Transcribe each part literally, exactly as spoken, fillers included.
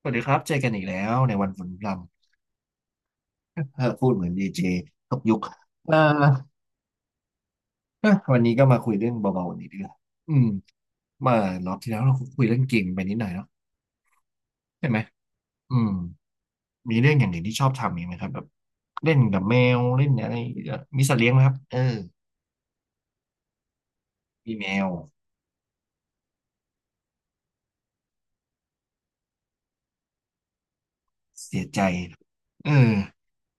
สวัสดีครับเจอกันอีกแล้วในวันฝนพรำ เออพูดเหมือนดีเจตกยุคเอ่อ อะวันนี้ก็มาคุยเรื่องเบาๆนิดนึงอืมเมื่อรอบที่แล้วเราคุยเรื่องเกมไปนิดหน่อยเนาะใช่ไหมอืมมีเรื่องอย่างอื่นที่ชอบทำอีกไหมครับแบบเล่นกับแมวเล่นอะไรอีกอะมีสัตว์เลี้ยงไหมครับเออมีแมวเสียใจเออ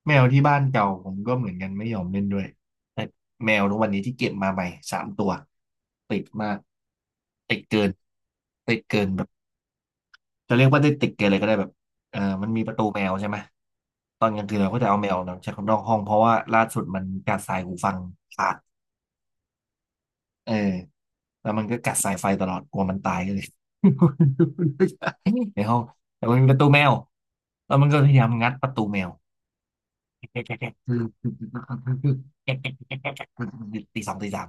แมวที่บ้านเก่าผมก็เหมือนกันไม่ยอมเล่นด้วยแต่แมวทุกวันนี้ที่เก็บมาใหม่สามตัวติดมากติดเกินติดเกิน จะเรียกว่าได้ติดกันเลยก็ได้แบบเออมันมีประตูแมวใช่ไหมตอนกลางคืนเราก็จะเอาแมวเนาะใช้คนนอกห้องเพราะว่าล่าสุดมันกัดสายหูฟังขาดเออแล้วมันก็กัดสายไฟตลอดกลัวมันตายก็เลย ในห้องแต่มันมีประตูแมวแล้วมันก็พยายามงัดประตูแมว ตีสองตีสาม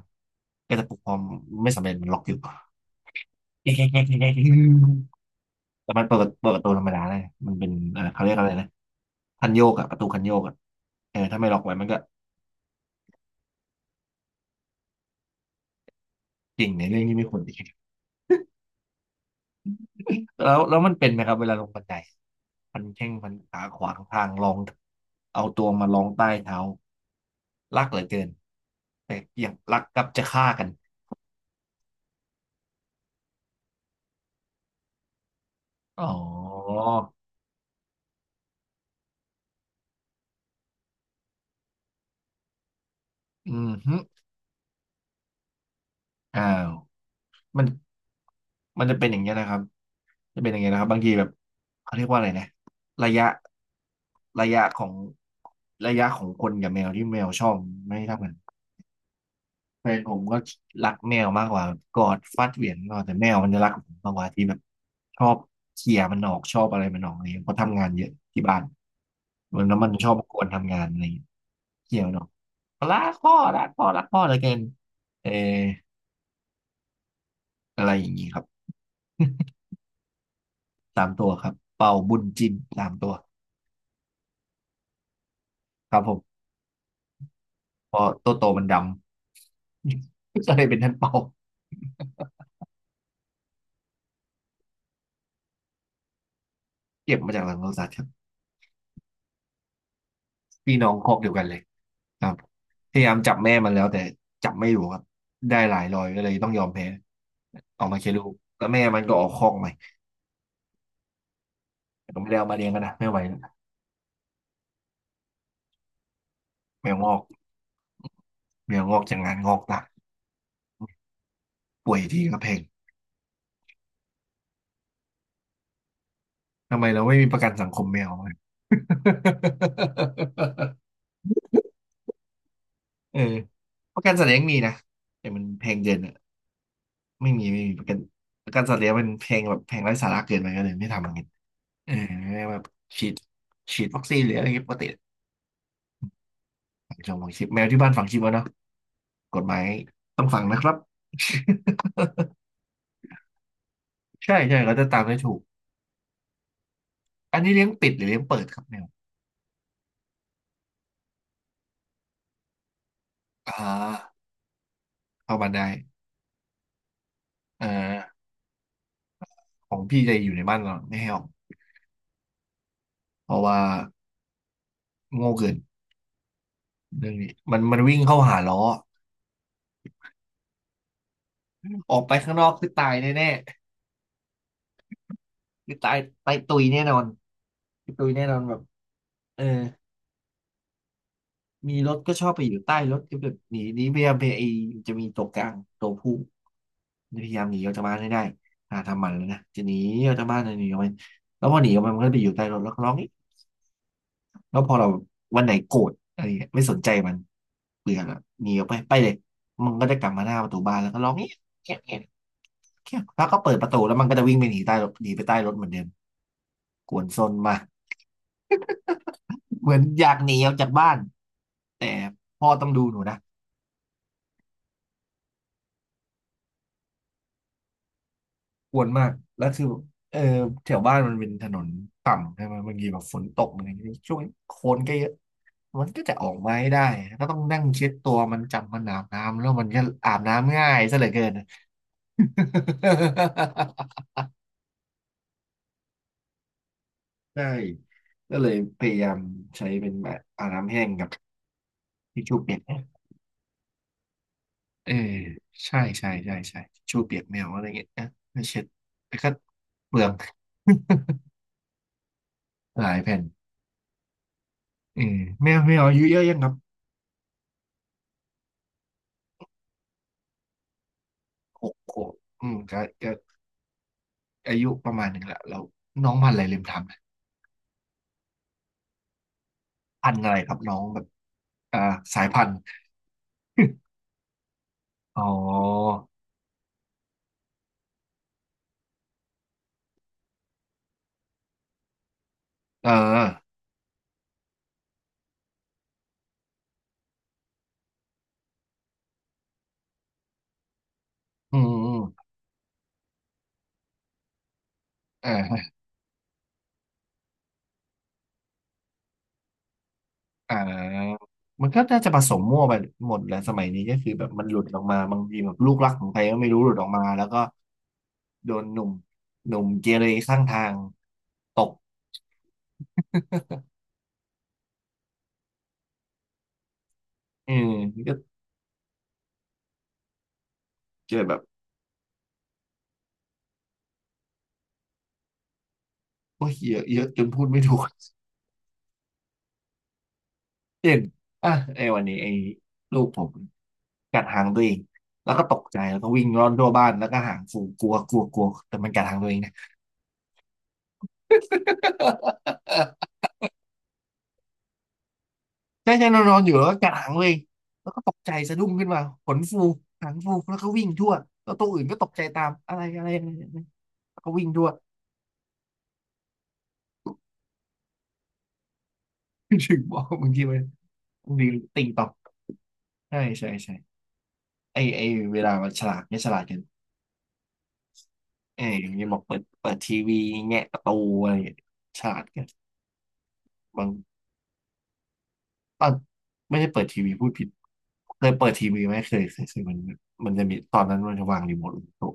ก็จะปลุกพร้อมไม่สำเร็จมันล็อกอยู่ แต่มันเปิดเปิดประตูธรรมดาเลยมันเป็นเออเขาเรียกอะไรนะคันโยกอะประตูคันโยกอะเออถ้าไม่ล็อกไว้มันก็จริงในเรื่องที่ไม่ควรจะแล้วแล้วมันเป็นไหมครับเวลาลงบันไดพันแข้งพันขาขวางทางรองเอาตัวมารองใต้เท้ารักเหลือเกินแต่อย่างรักกลับจะฆ่ากันอ๋ออืมฮึอ้าว มันมันจะเป็นอย่างเงี้ยนะครับจะเป็นอย่างเงี้ยนะครับบางทีแบบเขาเรียกว่าอะไรนะระยะระยะของระยะของคนกับแมวที่แมวชอบไม่เท่ากันแฟนผมก็รักแมวมากกว่ากอดฟัดเหวี่ยงนอนแต่แมวมันจะรักผมมากกว่าที่แบบชอบเขี่ยมันออกชอบอะไรมันออกอะไรเงี้ยเพราะทำงานเยอะที่บ้านเหมือนแล้วมันชอบกวนทำงานอะไรเงี้ยเขี่ยมันออกรักพ่อรักพ่อรักพ่อเหลยเกินเอออะไรอย่างงี้ครับ สามตัวครับเป่าบุญจินสามตัวครับผมเพอตัวโตมันดำ ก็เลยเป็นท่านเป่าเก็บมาจากหลังโลสัตครับพี่น้องครอบเดียวกันเลยครับพยายามจับแม่มันแล้วแต่จับไม่อยู่ครับได้หลายรอยก็เลยต้องยอมแพ้ออกมาแค่ลูกแล้วแม่มันก็ออกคอกใหม่แต่ก็ไม่ได้เอามาเลี้ยงกันนะไม่ไหวแล้วแมวงอกแมวงอกจากงานงอกตายป่วยทีก็แพงทำไมเราไม่มีประกันสังคมแมว เลย เออประกันสัตว์เลี้ยงมีนะแต่มันแพงเกินอะ ไม่มีไม่มีประกันประกันสัตว์เลี้ยงมันแพงแบบแพงไร้สาระเกินไปก็เลยไม่ทำอย่างเี้เออแบบฉีดฉีดวัคซีนหรืออะไรเงี้ยปกติฝังชงฝังชิปแมวที่บ้านฝังชิปแล้วเนาะกฎหมายต้องฝังนะครับ ใช่ใช่เขาจะตามได้ถูกอันนี้เลี้ยงปิดหรือเลี้ยงเปิดครับแมวอ่าเข้าบ้านได้เอ่อของพี่จะอยู่ในบ้านเราไม่ให้ออกเพราะว่าโง่เกินเรื่องนี้มันมันวิ่งเข้าหาล้อออกไปข้างนอกคือตายแน่ๆคือตายตายตุยแน่นอนคือตุยแน่นอนแบบเออ มีรถก็ชอบไปอยู่ใต้รถก็แบบหนีหนีพยายามไปไอจะมีตัวกลางตัวผู้พยายามหนีออกจากบ้านให้ได้หาทำมันแล้วนะจะหนีออกจากบ้านหนีออกไปแล้วพอหนีออกไปมันก็ไปอยู่ใต้รถแล้วก็ร้องอีกแล้วพอเราวันไหนโกรธอะไรเงี้ยไม่สนใจมันเบื่อละหนีออกไปไปเลยมันก็จะกลับมาหน้าประตูบ้านแล้วก็ร้องเงี้ยเงี้ยเงี้ยเงี้ยแล้วก็เปิดประตูแล้วมันก็จะวิ่งไปหนีใต้รถหนีไปใต้รถเหมือนเดิมกวนซนมาเหมือนอยากหนีออกจากบ้านแต่พ่อต้องดูหนูนะ กวนมากแล้วคือแบบเออแถวบ้านมันเป็นถนนต่ำใช่ไหมบางทีแบบฝนตกอะไรอย่างเงี้ยช่วงนี้โคลนก็เยอะมันก็จะออกมาไม่ได้ก็ต้องนั่งเช็ดตัวมันจับมันอาบน้ำแล้วมันก็อาบน้ำง่ายซะเหลือเกิน ใช่ก็เลยพยายามใช้เป็นแบบอาบน้ำแห้งกับทิชชู่เปียกนะเออใช่ใช่ใช่ใช่ทิชชู่เปียกแมวอะไรเงี้ยนะไม่เช็ดแต่ก็เปลือง หลายแผ่นเออแมวแมวอายุเยอะยังครับหกขวบอืมก็ก็ อายุประมาณหนึ่งแหละเราน้องพันธุ์อะไรลืมถามนะพันธุ์อะไรครับน้องแบบอ่าสายพันธุ์ อ๋อเอออืมอืมเอ่าอ่ามันก็น่าจะผสมมั่วไปหมดแหละสมัยนี้ก็คือแบบมันหลุดออกมาบางทีแบบลูกรักของใครก็ไม่รู้หลุดออกมาแล้วก็โดนหนุ่มหนุ่มเกเรข้างทางตก อืมก็เจอแบบโอ้ยเยอะเยอะจนพูดไม่ถูก เช่นอ่ะไอ้วันนี้ไอ้ลูกผมกัดหางตัวเองแล้วก็ตกใจแล้วก็วิ่งร่อนทั่วบ้านแล้วก็หางฟูกลัวกลัวกลัวแต่มันกัดหางตัวเองนะ ใช่ใช่นอนนอนอยู่แล้วก็กัดหางเลยแล้วก็ตกใจสะดุ้งขึ้นมาขนฟูหางฟูแล้วก็วิ่งทั่วแล้วตัวอื่นก็ตกใจตามอะไรอะไรอะไรอะไรแล้วก็วิ่งทั่ว ถึงบอกบางทีมันบางทีติงตอกใช่ใช่ใช่ไอ้ไอ้เวลามันฉลาดเนี่ยฉลาดกันไอ้ยอย่างนี้บอกเปิดเปิดทีวีแงะประตูอะไรอย่างเงี้ยฉลาดกันบาง ตอนไม่ได้เปิดทีวีพูดผิดเคยเปิดทีวีไหมเคยเคยเคยมันมันจะมีตอนนั้นมันจะวางรีโมทลงโต๊ะ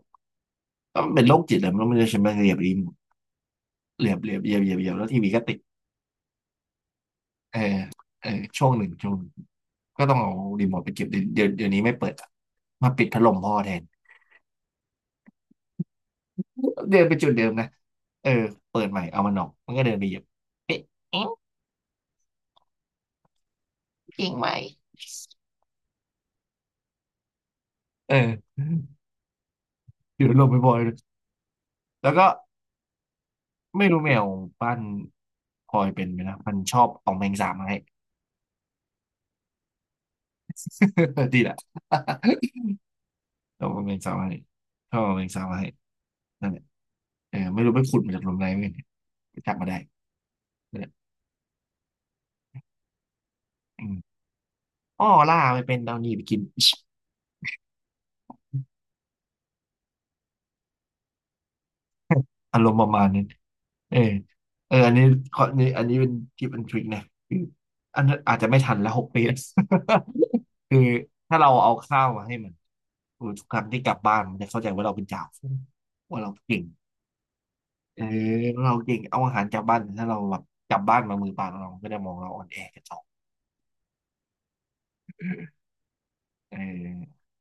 ก็มันเป็นโรคจิตแหละมันมันจะใช้มาเหยียบรีโมทเหยียบเหยียบเหยียบเหยียบเหยียบแล้วทีวีก็ติดเออเออช่วงหนึ่งช่วงหนึ่งก็ต้องเอารีโมทไปเก็บเดี๋ยวเดี๋ยวเดี๋ยวนี้ไม่เปิดอะมาปิดพัดลมพ่อแทนเดินไปจุดเดิมนะเออเปิดใหม่เอามันออกมันก็เดินไปเหยียบเอ๊ะเอ๊ะจริงไหมเออเดี๋ยวลงไปบ่อยๆแล้วก็ไม่รู้แมวบ้านพลอยเป็นไหมนะมันชอบเอาแมงสาบมาให้ ดีแหละ เราเอาแมงสาบมาให้เขาเอาแมงสาบมาให้นั่นแหละเออไม่รู้ไปขุดมาจากหลุมไหนไม่รู้เนี่ยไปจับมาได้นั่นแหละอืมอ้อล่าไปเป็นดาวนีไปกินอารมณ์ประมาณนั้นเออเอออันนี้ขอนี่อันนี้เป็นทิปอันทริคนะคืออันนั้นอาจจะไม่ทันแล้วหกปี คือถ้าเราเอาข้าวมาให้มันทุกครั้งที่กลับบ้านมันจะเข้าใจว่าเราเป็นจ่าฝูงว่าเราเก่งเออเราเก่งเอาอาหารจากบ้านถ้าเราแบบกลับบ้านมามือเปล่าเราก็จะมองเราอ่อนแอกัน เออ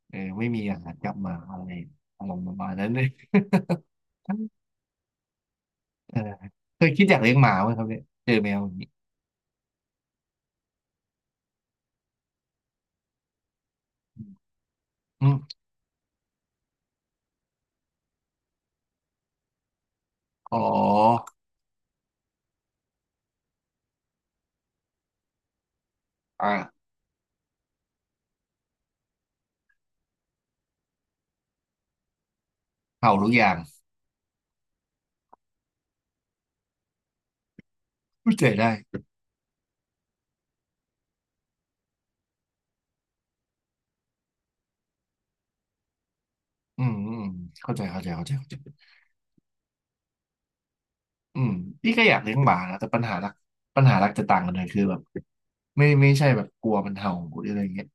เออไม่มีอาหารกลับมาอะไรอารมณ์ประมาณนั้นเลย เออเคยคิดอยากเลี้ยงหมาไหมครับเนี่ยเจอแมวอย่างนี้อืมอ๋ออ่าเห่าทุกอย่างเข้าใจได้อืมอืมเข้าใจเข้าใจเข้าใจเข้าใจอืมพี่ก็อยากเลี้ยงหมานะแต่ปัญหาหลักปัญหาหลักจะต่างกันเลยคือแบบไม่ไม่ใช่แบบกลัวมันเห่าหรืออะไรเงี้ย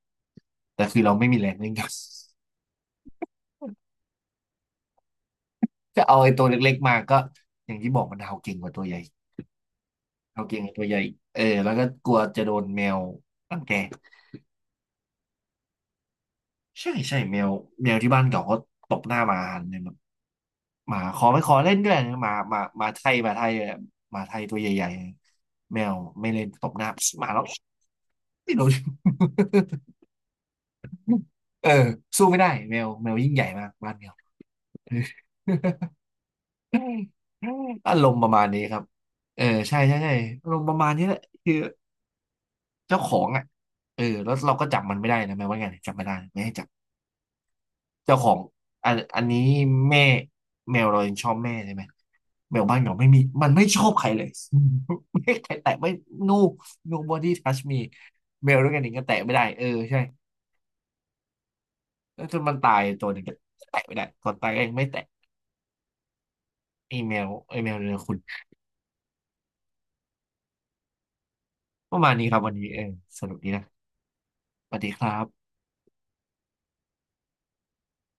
แต่คือเราไม่มีแรงเลี้ยงครับ จะเอาไอ้ตัวเล็กๆมาก็อย่างที่บอกมันเห่าเก่งกว่าตัวใหญ่เห่าเก่งกว่าตัวใหญ่เออแล้วก็กลัวจะโดนแมวรังแก ใช่ใช่แมวแมวที่บ้านเก่าก็ตบหน้ามาหันเนี่ยแบบหมาขอไม่ขอเล่นด้วยนะหมาหมาหมาไทยหมาไทยอะหมาไทยตัวใหญ่ๆแมวไม่เล่นตบหน้าหมาแล้วไม่รู้ เออสู้ไม่ได้แมวแมวยิ่งใหญ่มากบ้านเดียวเออ อารมณ์ประมาณนี้ครับเออใช่ใช่ใช่อารมณ์ประมาณนี้แหละคือเจ้าของอ่ะเออแล้วเราก็จับมันไม่ได้นะแมวว่าไงจับไม่ได้ไม่ให้จับ เจ้าของอันอันนี้แม่แมวเรายังชอบแม่ใช่ไหมแมวบ้านเราไม่มีมันไม่ชอบใครเลย ไม่ใครแตะไม่ no nobody touch me แมวด้วยกันเองก็แตะไม่ได้เออใช่แล้วจนมันตายตัวหนึ่งก็แตะไม่ได้ก่อนตายก็ยังไม่แตะไอแมวไอแมวเรือคุณประมาณนี้ครับวันนี้เออสนุกดีนะสวัสดีครับ